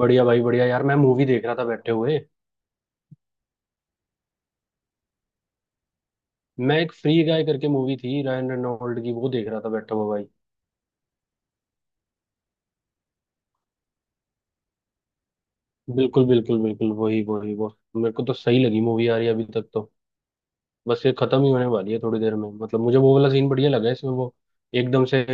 बढ़िया भाई, बढ़िया यार। मैं मूवी देख रहा था बैठे हुए। मैं एक फ्री गाय करके मूवी थी, रायन रेनॉल्ड की, वो देख रहा था बैठा हुआ भाई। बिल्कुल बिल्कुल बिल्कुल, वही वही वो। मेरे को तो सही लगी मूवी यार ये, अभी तक तो। बस ये खत्म ही होने वाली है थोड़ी देर में। मतलब मुझे वो वाला सीन बढ़िया लगा इसमें, वो एकदम से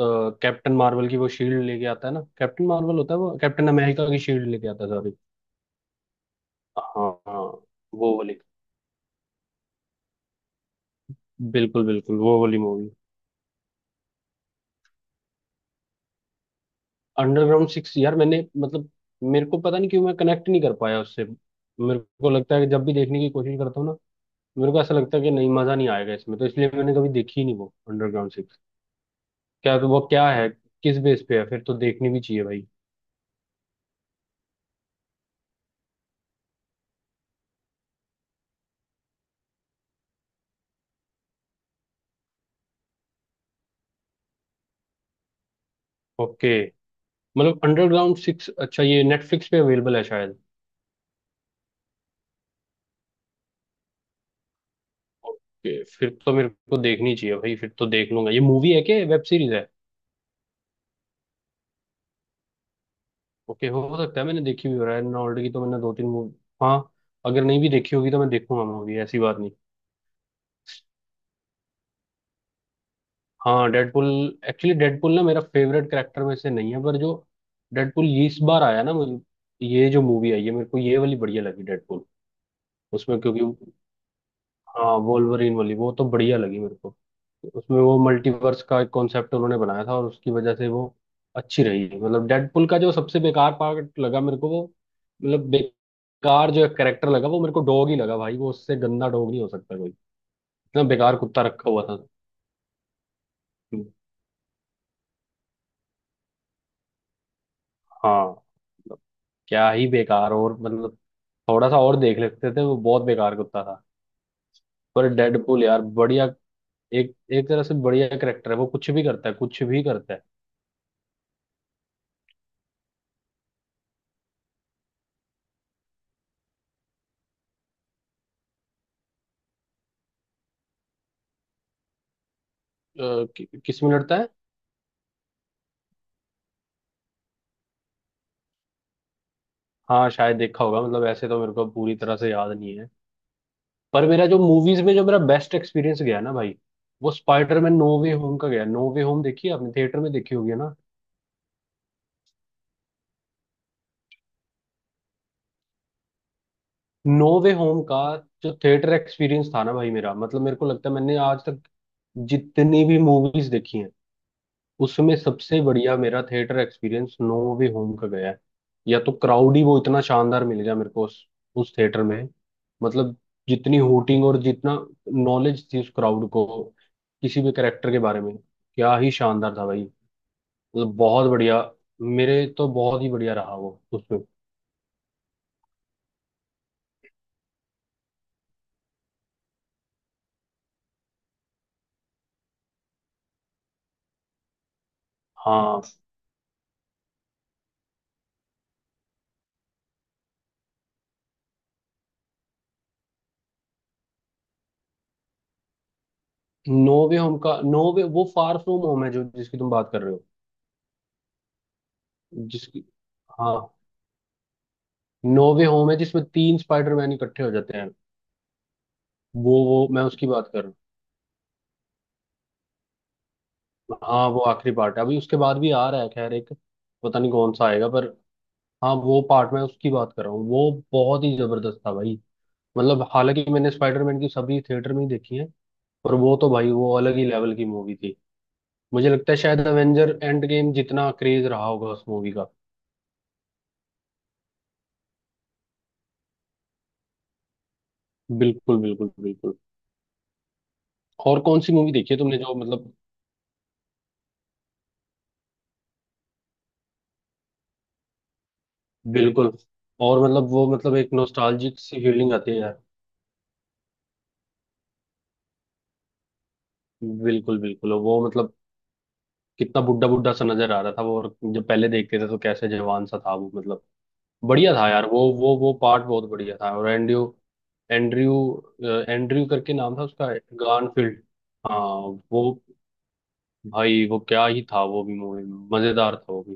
कैप्टन मार्वल की वो शील्ड लेके आता है ना। कैप्टन मार्वल होता है, वो कैप्टन अमेरिका की शील्ड लेके आता है, सॉरी। हाँ हाँ। वो वाली, बिल्कुल बिल्कुल वो वाली मूवी। अंडरग्राउंड सिक्स यार, मैंने मतलब, मेरे को पता नहीं क्यों मैं कनेक्ट नहीं कर पाया उससे। मेरे को लगता है कि जब भी देखने की कोशिश करता हूँ ना, मेरे को ऐसा लगता है कि नहीं, मजा नहीं आएगा इसमें। तो इसलिए मैंने कभी देखी ही नहीं वो अंडरग्राउंड सिक्स। क्या तो वो क्या है, किस बेस पे है? फिर तो देखनी भी चाहिए भाई। ओके। मतलब अंडरग्राउंड सिक्स, अच्छा ये नेटफ्लिक्स पे अवेलेबल है शायद। ओके, फिर तो मेरे को देखनी चाहिए भाई, फिर तो देख लूंगा। ये मूवी है क्या, वेब सीरीज है? ओके, हो सकता है मैंने देखी भी हो। रहा है नॉल्ड की तो मैंने दो तीन मूवी। हाँ। अगर नहीं भी देखी होगी तो मैं देखूंगा मूवी, ऐसी बात नहीं। हाँ डेडपुल। एक्चुअली डेडपुल ना मेरा फेवरेट कैरेक्टर में से नहीं है, पर जो डेडपुल ये इस बार आया ना, मुझे ये जो मूवी आई है मेरे को ये वाली बढ़िया लगी डेडपुल। उसमें क्योंकि हाँ वोल्वरीन वाली, वो तो बढ़िया लगी मेरे को। उसमें वो मल्टीवर्स का एक कॉन्सेप्ट उन्होंने बनाया था, और उसकी वजह से वो अच्छी रही। मतलब डेडपुल का जो सबसे बेकार पार्ट लगा मेरे को वो, मतलब बेकार जो कैरेक्टर लगा वो, मेरे को डॉग ही लगा भाई। वो, उससे गंदा डॉग नहीं हो सकता कोई। इतना बेकार कुत्ता रखा हुआ था। हाँ मतलब क्या ही बेकार, और मतलब थोड़ा सा और देख लेते थे, वो बहुत बेकार कुत्ता था। पर डेडपूल यार बढ़िया, एक एक तरह से बढ़िया करेक्टर है वो। कुछ भी करता है, कुछ भी करता है। किस में लड़ता है? हाँ शायद देखा होगा, मतलब ऐसे तो मेरे को पूरी तरह से याद नहीं है, पर मेरा जो मूवीज में जो मेरा बेस्ट एक्सपीरियंस गया ना भाई, वो स्पाइडरमैन नो वे होम का गया। नो वे होम देखी है आपने? थिएटर में देखी होगी ना? नो वे होम का जो थिएटर एक्सपीरियंस था ना भाई मेरा, मतलब मेरे को लगता है मैंने आज तक जितनी भी मूवीज देखी हैं, उसमें सबसे बढ़िया मेरा theatre experience no way home का गया है। या तो क्राउड ही वो इतना शानदार मिल गया मेरे को उस, थिएटर में। मतलब जितनी हूटिंग और जितना नॉलेज थी उस क्राउड को, किसी भी करेक्टर के बारे में, क्या ही शानदार था भाई। मतलब बहुत बढ़िया, मेरे तो बहुत ही बढ़िया रहा वो उसमें। हाँ। नो वे होम का नो वे, वो फार फ्रॉम होम है जो, जिसकी तुम बात कर रहे हो। जिसकी हाँ, नो वे होम है जिसमें तीन स्पाइडरमैन इकट्ठे हो जाते हैं। वो मैं उसकी बात कर रहा हूँ। हाँ वो आखिरी पार्ट है, अभी उसके बाद भी आ रहा है खैर एक, पता नहीं कौन सा आएगा, पर हाँ वो पार्ट मैं उसकी बात कर रहा हूँ। वो बहुत ही जबरदस्त था भाई। मतलब हालांकि मैंने स्पाइडरमैन की सभी थिएटर में ही देखी है, पर वो तो भाई, वो अलग ही लेवल की मूवी थी। मुझे लगता है शायद अवेंजर एंड गेम जितना क्रेज रहा होगा उस मूवी का। बिल्कुल बिल्कुल बिल्कुल। और कौन सी मूवी देखी है तुमने जो मतलब, बिल्कुल और मतलब वो मतलब एक नोस्टाल्जिक सी फीलिंग आती है यार। बिल्कुल बिल्कुल, वो मतलब कितना बुड्ढा बुड्ढा सा नजर आ रहा था वो, और जब पहले देखते थे तो कैसे जवान सा था वो, मतलब बढ़िया था यार वो वो पार्ट बहुत बढ़िया था। और एंड्रयू एंड्रयू एंड्रयू करके नाम था उसका, गारफील्ड। हाँ वो, भाई वो क्या ही था वो भी मूवी, मजेदार था वो भी।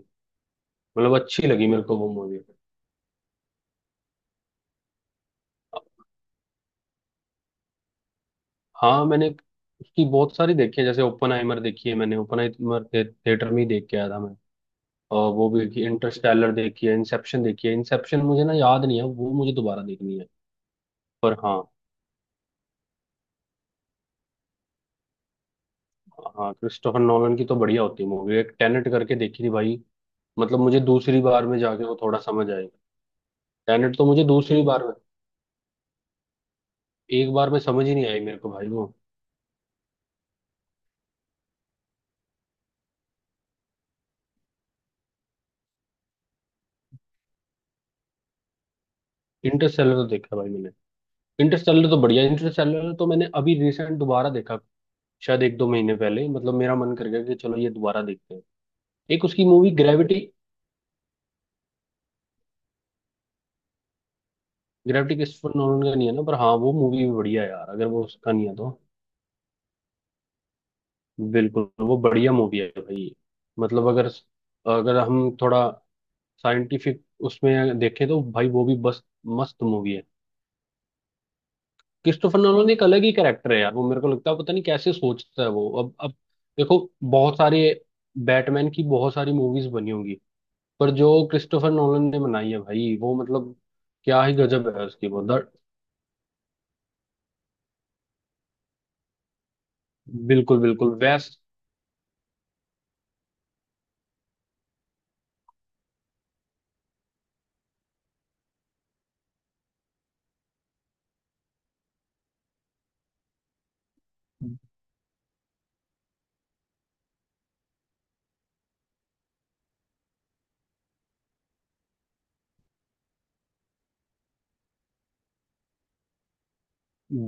मतलब अच्छी लगी मेरे को वो मूवी। हाँ मैंने उसकी बहुत सारी देखी है। जैसे ओपनहाइमर देखी है मैंने, ओपनहाइमर थिएटर में ही देख के आया था मैं। और वो भी इंटरस्टेलर देखी है, इंसेप्शन देखी है। इंसेप्शन मुझे ना याद नहीं है, वो मुझे दोबारा देखनी है। पर हाँ। हाँ क्रिस्टोफर नोलन की तो बढ़िया होती है मूवी। एक टेनेट करके देखी थी भाई, मतलब मुझे दूसरी बार में जाके वो थोड़ा समझ आएगा। टेनेट तो मुझे दूसरी बार में, एक बार में समझ ही नहीं आई मेरे को भाई वो। इंटरस्टेलर तो देखा भाई मैंने, इंटरस्टेलर तो बढ़िया, इंटरस्टेलर तो मैंने अभी रिसेंट दोबारा देखा, शायद एक दो महीने पहले। मतलब मेरा मन कर गया कि चलो ये दोबारा देखते हैं। एक उसकी movie Gravity, Gravity Christopher Nolan का नहीं है ना, पर हाँ वो मूवी भी बढ़िया है यार, अगर वो उसका नहीं है तो। बिल्कुल वो बढ़िया मूवी है भाई। मतलब अगर, हम थोड़ा साइंटिफिक उसमें देखें तो भाई, वो भी बस मस्त मूवी है। क्रिस्टोफर नोलन एक अलग ही कैरेक्टर है यार वो, मेरे को लगता है पता नहीं कैसे सोचता है वो। अब देखो, बहुत सारे बैटमैन की बहुत सारी मूवीज बनी होंगी, पर जो क्रिस्टोफर नोलन ने बनाई है भाई वो, मतलब क्या ही गजब है उसकी वो द। बिल्कुल बिल्कुल वैस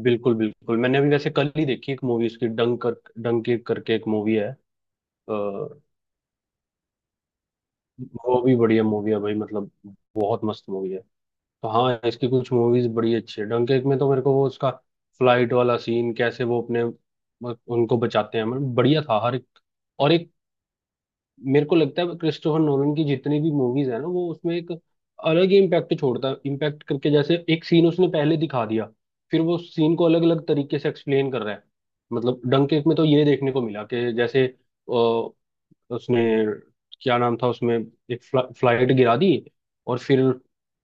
बिल्कुल बिल्कुल। मैंने अभी वैसे कल ही देखी एक मूवी उसकी, डंकी करके एक मूवी है। अ, वो भी बढ़िया मूवी है भाई, मतलब बहुत मस्त मूवी है। तो हाँ, इसकी कुछ मूवीज बड़ी अच्छी है। डंकेर्क में तो मेरे को वो उसका फ्लाइट वाला सीन, कैसे वो अपने उनको बचाते हैं, मतलब बढ़िया था हर एक। और एक, मेरे को लगता है क्रिस्टोफर नोलन की जितनी भी मूवीज है ना, वो उसमें एक अलग ही इम्पैक्ट छोड़ता है। इम्पैक्ट करके, जैसे एक सीन उसने पहले दिखा दिया, फिर वो सीन को अलग अलग तरीके से एक्सप्लेन कर रहा है। मतलब डंकेर्क में तो ये देखने को मिला कि जैसे उसने, क्या नाम था उसमें, एक फ्लाइट गिरा दी, और फिर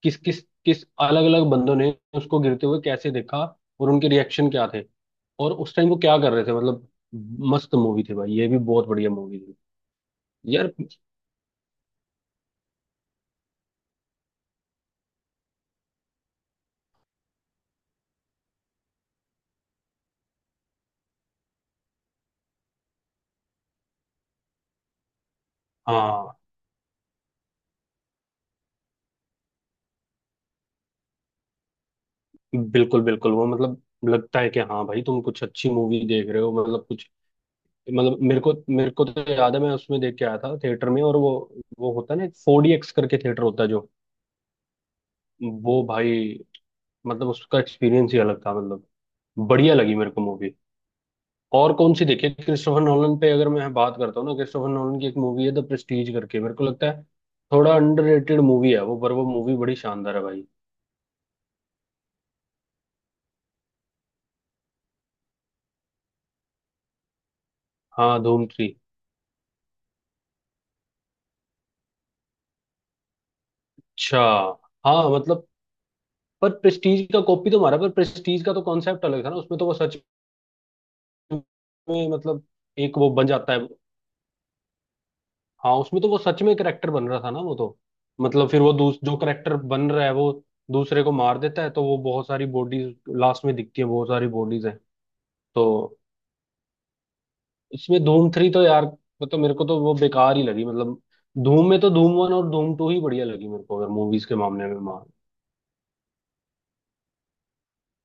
किस किस किस अलग अलग बंदों ने उसको गिरते हुए कैसे देखा, और उनके रिएक्शन क्या थे, और उस टाइम वो क्या कर रहे थे। मतलब मस्त मूवी थी भाई, ये भी बहुत बढ़िया मूवी थी यार। हाँ। बिल्कुल बिल्कुल, वो मतलब लगता है कि हाँ भाई, तुम कुछ अच्छी मूवी देख रहे हो। मतलब कुछ मतलब मेरे को तो याद है, मैं उसमें देख के आया था थिएटर में, और वो होता है ना 4DX करके थिएटर होता है जो, वो भाई मतलब उसका एक्सपीरियंस ही अलग था। मतलब बढ़िया लगी मेरे को मूवी। और कौन सी देखी क्रिस्टोफर नोलन पे, अगर मैं बात करता हूँ ना क्रिस्टोफर नोलन की, एक मूवी है द प्रेस्टीज करके। मेरे को लगता है थोड़ा अंडररेटेड मूवी है वो, पर वो मूवी बड़ी शानदार है भाई। हाँ धूम थ्री। अच्छा। हाँ मतलब, पर प्रेस्टीज का कॉपी तो मारा, पर प्रेस्टीज का तो कॉन्सेप्ट अलग था ना। उसमें तो वो सच में मतलब एक वो बन जाता है। हाँ उसमें तो वो सच में करेक्टर बन रहा था ना वो तो। मतलब फिर वो जो करेक्टर बन रहा है वो दूसरे को मार देता है, तो वो बहुत सारी बॉडीज लास्ट में दिखती है, बहुत सारी बॉडीज हैं। तो इसमें धूम थ्री तो यार, मतलब मेरे को तो वो बेकार ही लगी। मतलब धूम में तो धूम वन और धूम टू ही बढ़िया लगी मेरे को, अगर मूवीज के मामले में मान।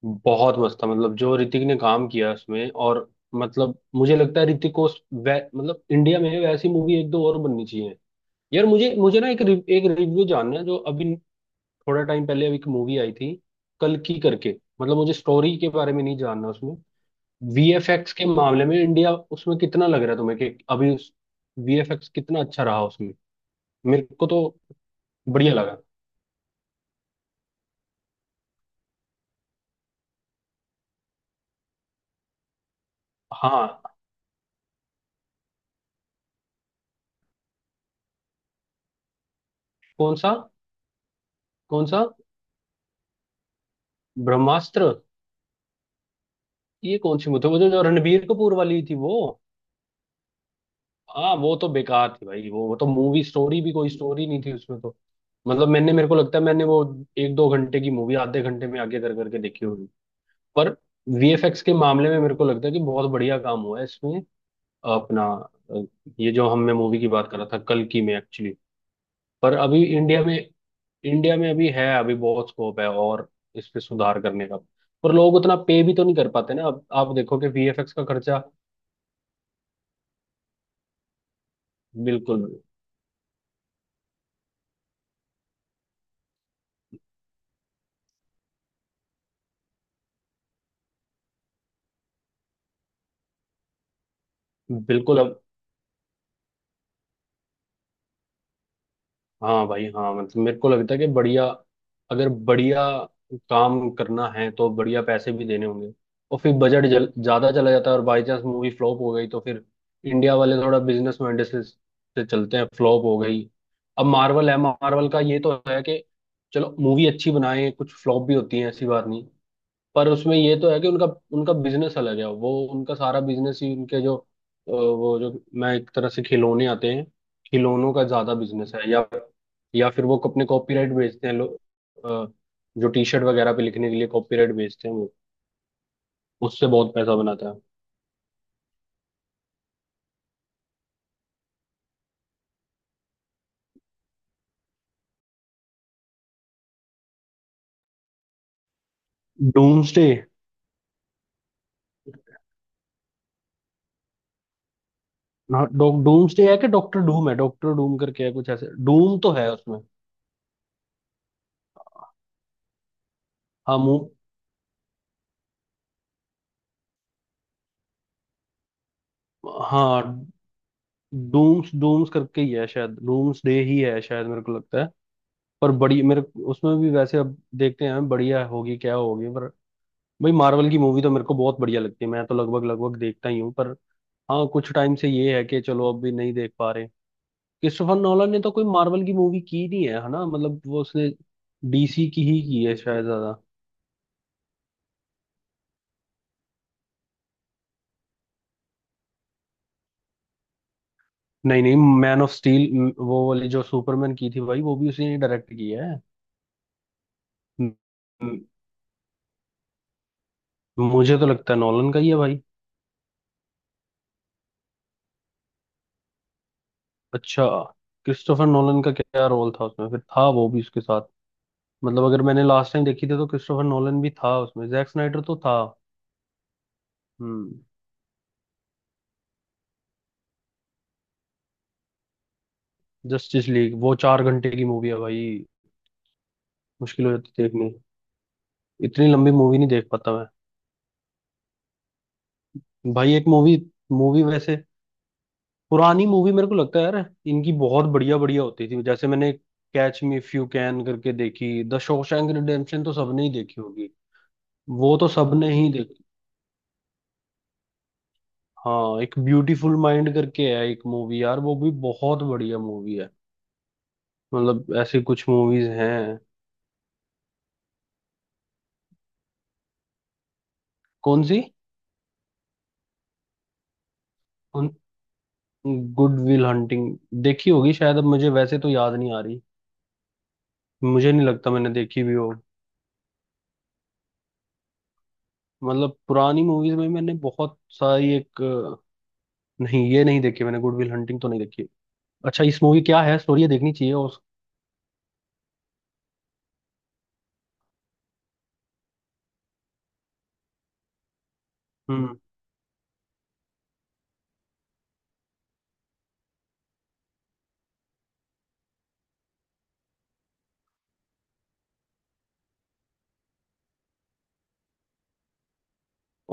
बहुत मस्त था, मतलब जो ऋतिक ने काम किया उसमें, और मतलब मुझे लगता है ऋतिक को मतलब इंडिया में वैसी मूवी एक दो और बननी चाहिए यार। मुझे मुझे ना एक रिव्यू जानना है जो अभी, थोड़ा टाइम पहले अभी एक मूवी आई थी कल की करके। मतलब मुझे स्टोरी के बारे में नहीं जानना उसमें, वीएफएक्स के मामले में इंडिया उसमें कितना लग रहा है तुम्हें, कि अभी उस वीएफएक्स कितना अच्छा रहा उसमें। मेरे को तो बढ़िया लगा। हाँ। कौन सा? कौन सा ब्रह्मास्त्र, ये कौन सी मूवी? वो जो जो रणबीर कपूर वाली थी वो? हाँ वो तो बेकार थी भाई। वो तो मूवी स्टोरी भी, कोई स्टोरी नहीं थी उसमें तो। मतलब मैंने, मेरे को लगता है मैंने वो एक दो घंटे की मूवी आधे घंटे में आगे कर करके देखी होगी। पर वीएफएक्स के मामले में मेरे को लगता है कि बहुत बढ़िया काम हुआ है इसमें अपना, अ, ये जो हमने मूवी की बात कर रहा था कल की में एक्चुअली। पर अभी इंडिया में अभी है, अभी बहुत स्कोप है और इस पे सुधार करने का। पर लोग उतना पे भी तो नहीं कर पाते ना, अब आप देखो कि वीएफएक्स का खर्चा। बिल्कुल बिल्कुल। हाँ भाई हाँ, मतलब मेरे को लगता है कि बढ़िया, अगर बढ़िया काम करना है तो बढ़िया पैसे भी देने होंगे। और फिर बजट ज्यादा चला जाता है, और बाई चांस मूवी फ्लॉप हो गई तो फिर इंडिया वाले थोड़ा बिजनेस माइंड से चलते हैं, फ्लॉप हो गई। अब मार्वल है, मार्वल का ये तो है कि चलो मूवी अच्छी बनाए, कुछ फ्लॉप भी होती है ऐसी बात नहीं। पर उसमें ये तो है कि उनका उनका बिजनेस अलग है। वो उनका सारा बिजनेस ही उनके जो, वो जो, मैं एक तरह से, खिलौने आते हैं, खिलौनों का ज्यादा बिजनेस है, या फिर वो अपने कॉपीराइट बेचते हैं लोग, अ, जो टी शर्ट वगैरह पे लिखने के लिए कॉपीराइट बेचते हैं वो, उससे बहुत पैसा बनाता है। डूम्सडे। हाँ डॉ डूम्सडे है कि डॉक्टर डूम है? डॉक्टर डूम करके है कुछ ऐसे, डूम तो है उसमें। हाँ मुंह। हाँ डूम्स डूम्स करके ही है शायद, डूम्सडे ही है शायद, मेरे को लगता है। पर बड़ी मेरे, उसमें भी वैसे अब देखते हैं बढ़िया होगी क्या होगी। पर भाई मार्वल की मूवी तो मेरे को बहुत बढ़िया लगती है, मैं तो लगभग लगभग देखता ही हूँ। पर हाँ, कुछ टाइम से ये है कि चलो अब भी नहीं देख पा रहे। क्रिस्टोफर नॉलन ने तो कोई मार्वल की मूवी की नहीं है है ना, मतलब वो उसने डीसी की ही की है शायद ज्यादा। नहीं नहीं, मैन ऑफ स्टील वो वाली जो सुपरमैन की थी भाई, वो भी उसी ने डायरेक्ट की है। म- म- मुझे तो लगता है नॉलन का ही है भाई। अच्छा, क्रिस्टोफर नॉलन का क्या रोल था उसमें फिर, था वो भी उसके साथ? मतलब अगर मैंने लास्ट टाइम देखी थी तो क्रिस्टोफर नोलन भी था उसमें, जैक स्नाइडर तो था। हम्म। जस्टिस लीग वो 4 घंटे की मूवी है भाई, मुश्किल हो जाती देखने, इतनी लंबी मूवी नहीं देख पाता मैं। भाई एक मूवी, मूवी वैसे पुरानी मूवी, मेरे को लगता है यार इनकी बहुत बढ़िया बढ़िया होती थी। जैसे मैंने catch me if you can करके देखी, द शॉशैंक रिडेम्पशन तो सबने ही देखी होगी, वो तो सबने ही देखी। हाँ एक ब्यूटीफुल माइंड करके है एक मूवी यार, वो भी बहुत बढ़िया मूवी है। मतलब ऐसे कुछ मूवीज हैं। कौन सी? गुड विल हंटिंग, देखी होगी शायद, अब मुझे वैसे तो याद नहीं आ रही, मुझे नहीं लगता मैंने देखी भी हो। मतलब पुरानी मूवीज में मैंने बहुत सारी एक नहीं, ये नहीं देखी मैंने, गुड विल हंटिंग तो नहीं देखी। अच्छा, इस मूवी क्या है स्टोरी, ये देखनी चाहिए, और हम्म।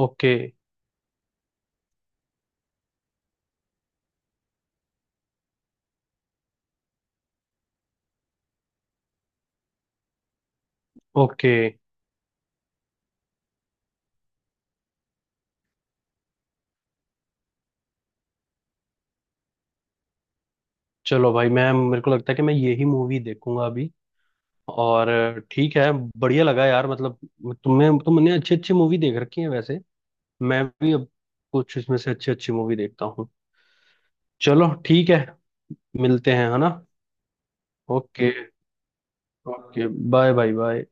ओके। ओके चलो भाई, मैं, मेरे को लगता है कि मैं यही मूवी देखूंगा अभी। और ठीक है, बढ़िया लगा यार। मतलब तुम्हें तुमने अच्छी अच्छी मूवी देख रखी है वैसे, मैं भी अब कुछ इसमें से अच्छी अच्छी मूवी देखता हूँ। चलो ठीक है, मिलते हैं है ना? Okay. Okay bye bye bye.